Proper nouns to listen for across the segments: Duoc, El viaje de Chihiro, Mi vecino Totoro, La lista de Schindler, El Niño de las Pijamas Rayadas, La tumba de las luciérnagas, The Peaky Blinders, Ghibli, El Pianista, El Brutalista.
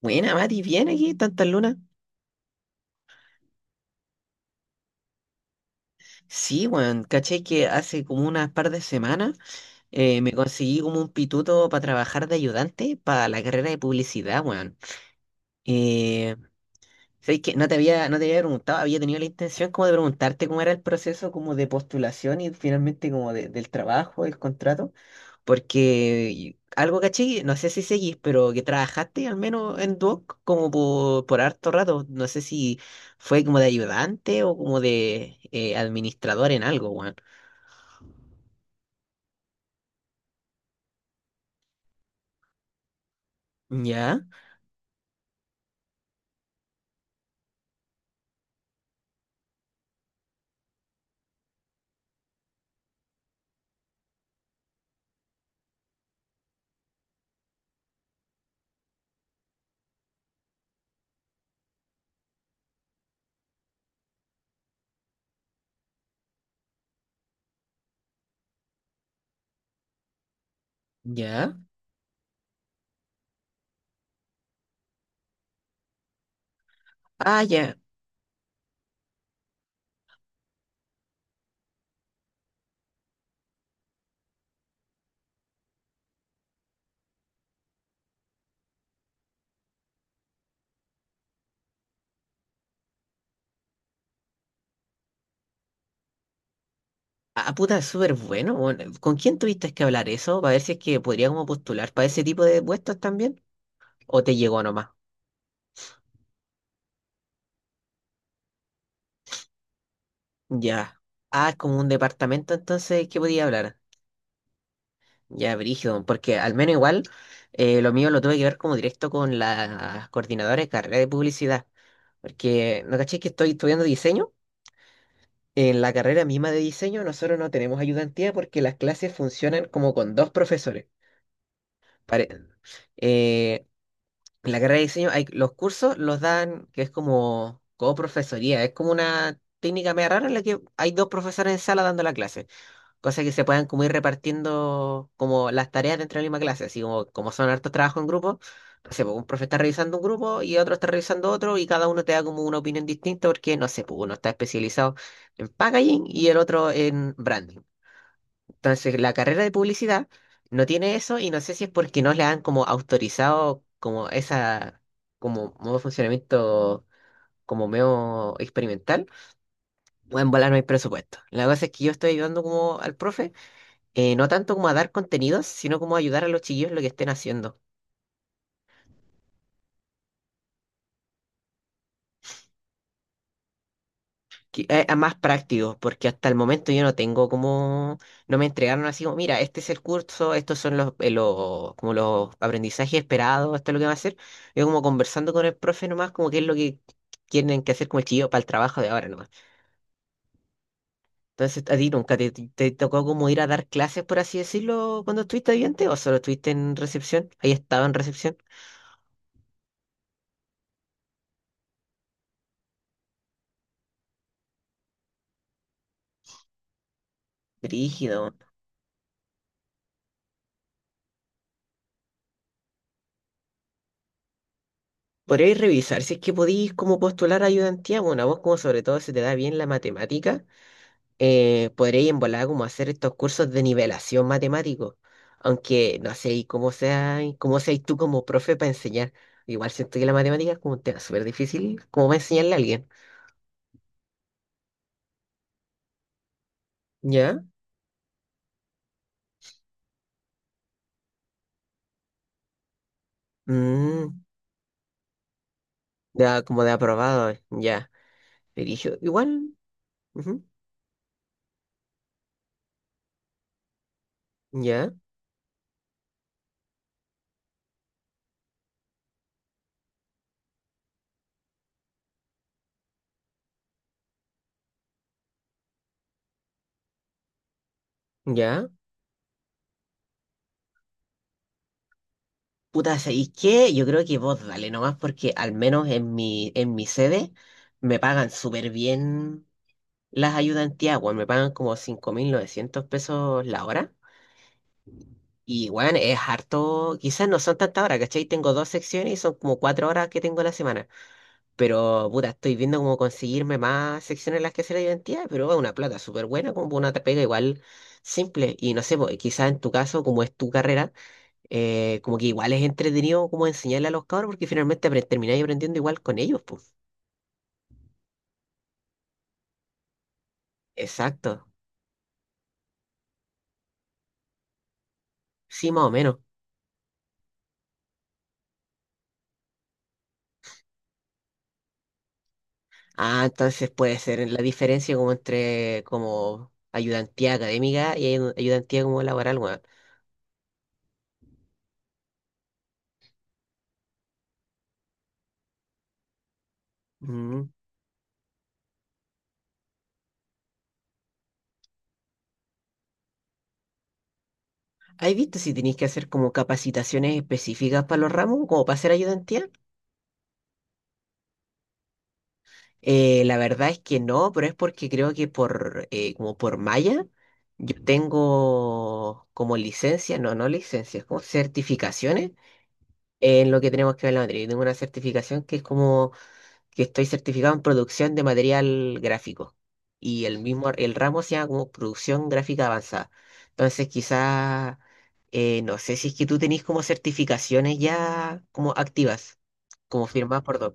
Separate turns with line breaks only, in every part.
Buena, Mati, ¿bien aquí? ¿Tantas lunas? Sí, weón, caché que hace como unas par de semanas me conseguí como un pituto para trabajar de ayudante para la carrera de publicidad, weón. Eh, ¿Sabes qué? No te había preguntado, había tenido la intención como de preguntarte cómo era el proceso como de postulación y finalmente como del trabajo, el contrato. Porque algo caché, no sé si seguís, pero que trabajaste al menos en Duoc como por harto rato. No sé si fue como de ayudante o como de administrador en algo, weón. Ya, ya. Ah, ya. Ah, puta, es súper bueno, weón. ¿Con quién tuviste que hablar eso? Para ver si es que podría como postular para ese tipo de puestos también. ¿O te llegó nomás? Ya. Ah, es como un departamento entonces que podía hablar. Ya, brígido, porque al menos igual lo mío lo tuve que ver como directo con la coordinadora de carrera de publicidad, porque no caché que estoy estudiando diseño. En la carrera misma de diseño nosotros no tenemos ayudantía porque las clases funcionan como con dos profesores. Pare- eh, en la carrera de diseño hay, los cursos los dan, que es como coprofesoría, es como una técnica media rara en la que hay dos profesores en sala dando la clase. Cosa que se puedan como ir repartiendo como las tareas dentro de la misma clase, así como, como son hartos trabajos en grupo, no sé, pues, un profe está revisando un grupo y otro está revisando otro y cada uno te da como una opinión distinta porque, no sé, pues uno está especializado en packaging y el otro en branding. Entonces, la carrera de publicidad no tiene eso y no sé si es porque no le han como autorizado como esa, como modo de funcionamiento como medio experimental, o en volar no hay presupuesto. La cosa es que yo estoy ayudando como al profe no tanto como a dar contenidos, sino como ayudar a los chiquillos en lo que estén haciendo. Que, a más práctico porque hasta el momento yo no tengo como, no me entregaron así como, mira, este es el curso, estos son los como los aprendizajes esperados, esto es lo que va a hacer. Yo como conversando con el profe nomás, como qué es lo que tienen que hacer como el chiquillo para el trabajo de ahora nomás. Entonces, ¿a ti nunca te, te tocó como ir a dar clases, por así decirlo, cuando estuviste estudiante o solo estuviste en recepción? ¿Ahí estaba en recepción? Brígido. Podríais revisar si es que podéis como postular ayudantía, bueno, a vos como sobre todo se te da bien la matemática, podríais en volada como hacer estos cursos de nivelación matemático, aunque no sé y cómo sea, y cómo seas tú como profe para enseñar. Igual siento que la matemática es como un tema súper difícil, como para enseñarle a alguien, ¿ya? Mm, ya, como de aprobado, ya. Dirijo, igual, ujú, ya, ya. Puta, ¿sabéis qué? Yo creo que vos dale nomás porque al menos en en mi sede me pagan súper bien las ayudantías, weón. Me pagan como $5.900 la hora. Y bueno es harto, quizás no son tantas horas, ¿cachai? Tengo dos secciones y son como 4 horas que tengo a la semana. Pero puta, estoy viendo cómo conseguirme más secciones en las que hacer ayudantía, pero es una plata súper buena, como una pega igual simple. Y no sé, pues, quizás en tu caso, como es tu carrera como que igual es entretenido como enseñarle a los cabros porque finalmente apre- termináis aprendiendo igual con ellos, pues. Exacto. Sí, más o menos. Ah, entonces puede ser en la diferencia como entre como ayudantía académica y ayudantía como laboral, weón. Mm. ¿Has visto si tenéis que hacer como capacitaciones específicas para los ramos, como para hacer ayudantía? La verdad es que no, pero es porque creo que por como por malla yo tengo como licencia, no, no licencias, como certificaciones en lo que tenemos que ver la materia. Yo tengo una certificación que es como que estoy certificado en producción de material gráfico. Y el mismo, el ramo se llama como producción gráfica avanzada. Entonces, quizás, no sé si es que tú tenés como certificaciones ya como activas, como firmadas por dos.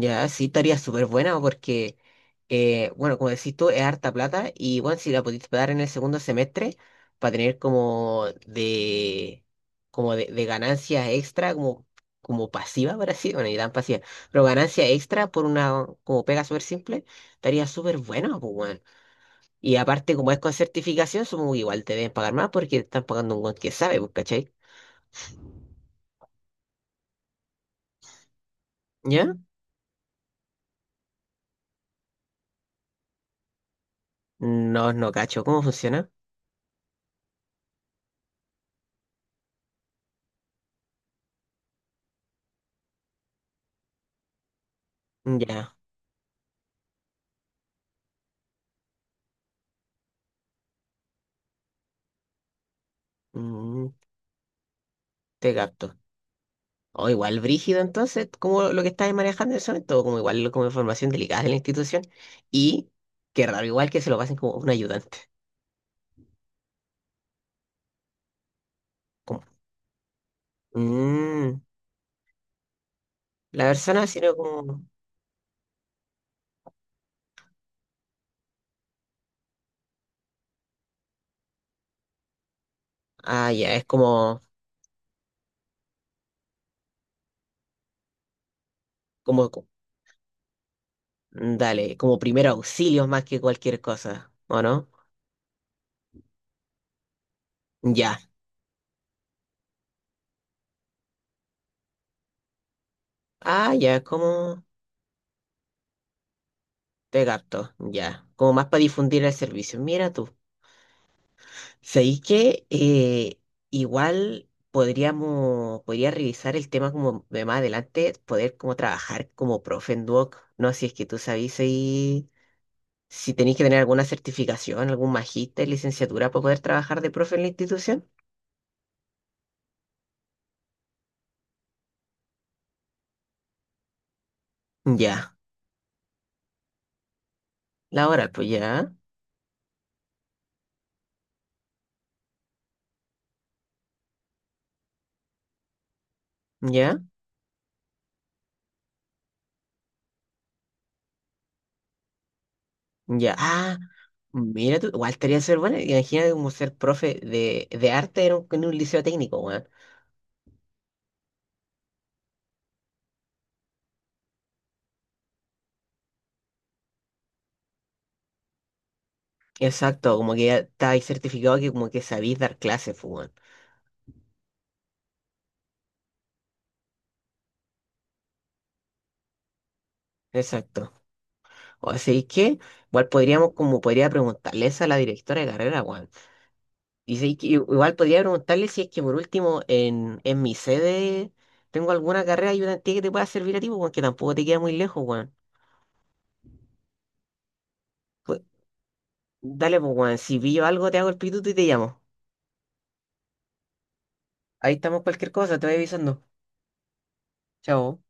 Ya, sí, estaría súper buena porque, bueno, como decís tú, es harta plata y, bueno, si la pudiste pagar en el segundo semestre para tener como de ganancias extra, como, como pasiva, por así, bueno, ni tan pasiva, pero ganancia extra por una, como pega súper simple, estaría súper buena, pues, bueno. Y aparte, como es con certificación, supongo que igual te deben pagar más porque te están pagando un buen que sabe, pues, ¿cachai? ¿Ya? No, no cacho, ¿cómo funciona? Ya, mm, te capto. O igual brígido, entonces, como lo que estáis manejando en ese momento, como igual como información delicada de la institución. Y qué raro, igual que se lo pasen como un ayudante. Como, mm, la persona, sino como. Ah, ya, es como. Dale, como primer auxilio más que cualquier cosa, ¿o no? Ya. Ah, ya, es como. Te capto, ya. Como más para difundir el servicio. Mira tú. ¿Sabéis que igual podríamos, podría revisar el tema como de más adelante, poder como trabajar como profe en Duoc? No, si es que tú sabéis si tenéis que tener alguna certificación, algún magíster, licenciatura para poder trabajar de profe en la institución. Ya, la hora, pues ya, ya, ya. Ah, mira tú, igual estaría ser bueno, imagina como ser profe de arte en un liceo técnico, weón. Exacto, como que ya estáis certificado que como que sabéis dar clases, pues, weón. Exacto. O sea, que igual podríamos, como podría preguntarles a la directora de carrera, Juan. Y sí que igual podría preguntarle si es que por último en, mi sede tengo alguna carrera ayudantía que te pueda servir a ti, Juan, que tampoco te queda muy lejos, Juan. Pues, dale, pues, Juan, si pillo algo te hago el pituto y te llamo. Ahí estamos cualquier cosa, te voy avisando. Chao.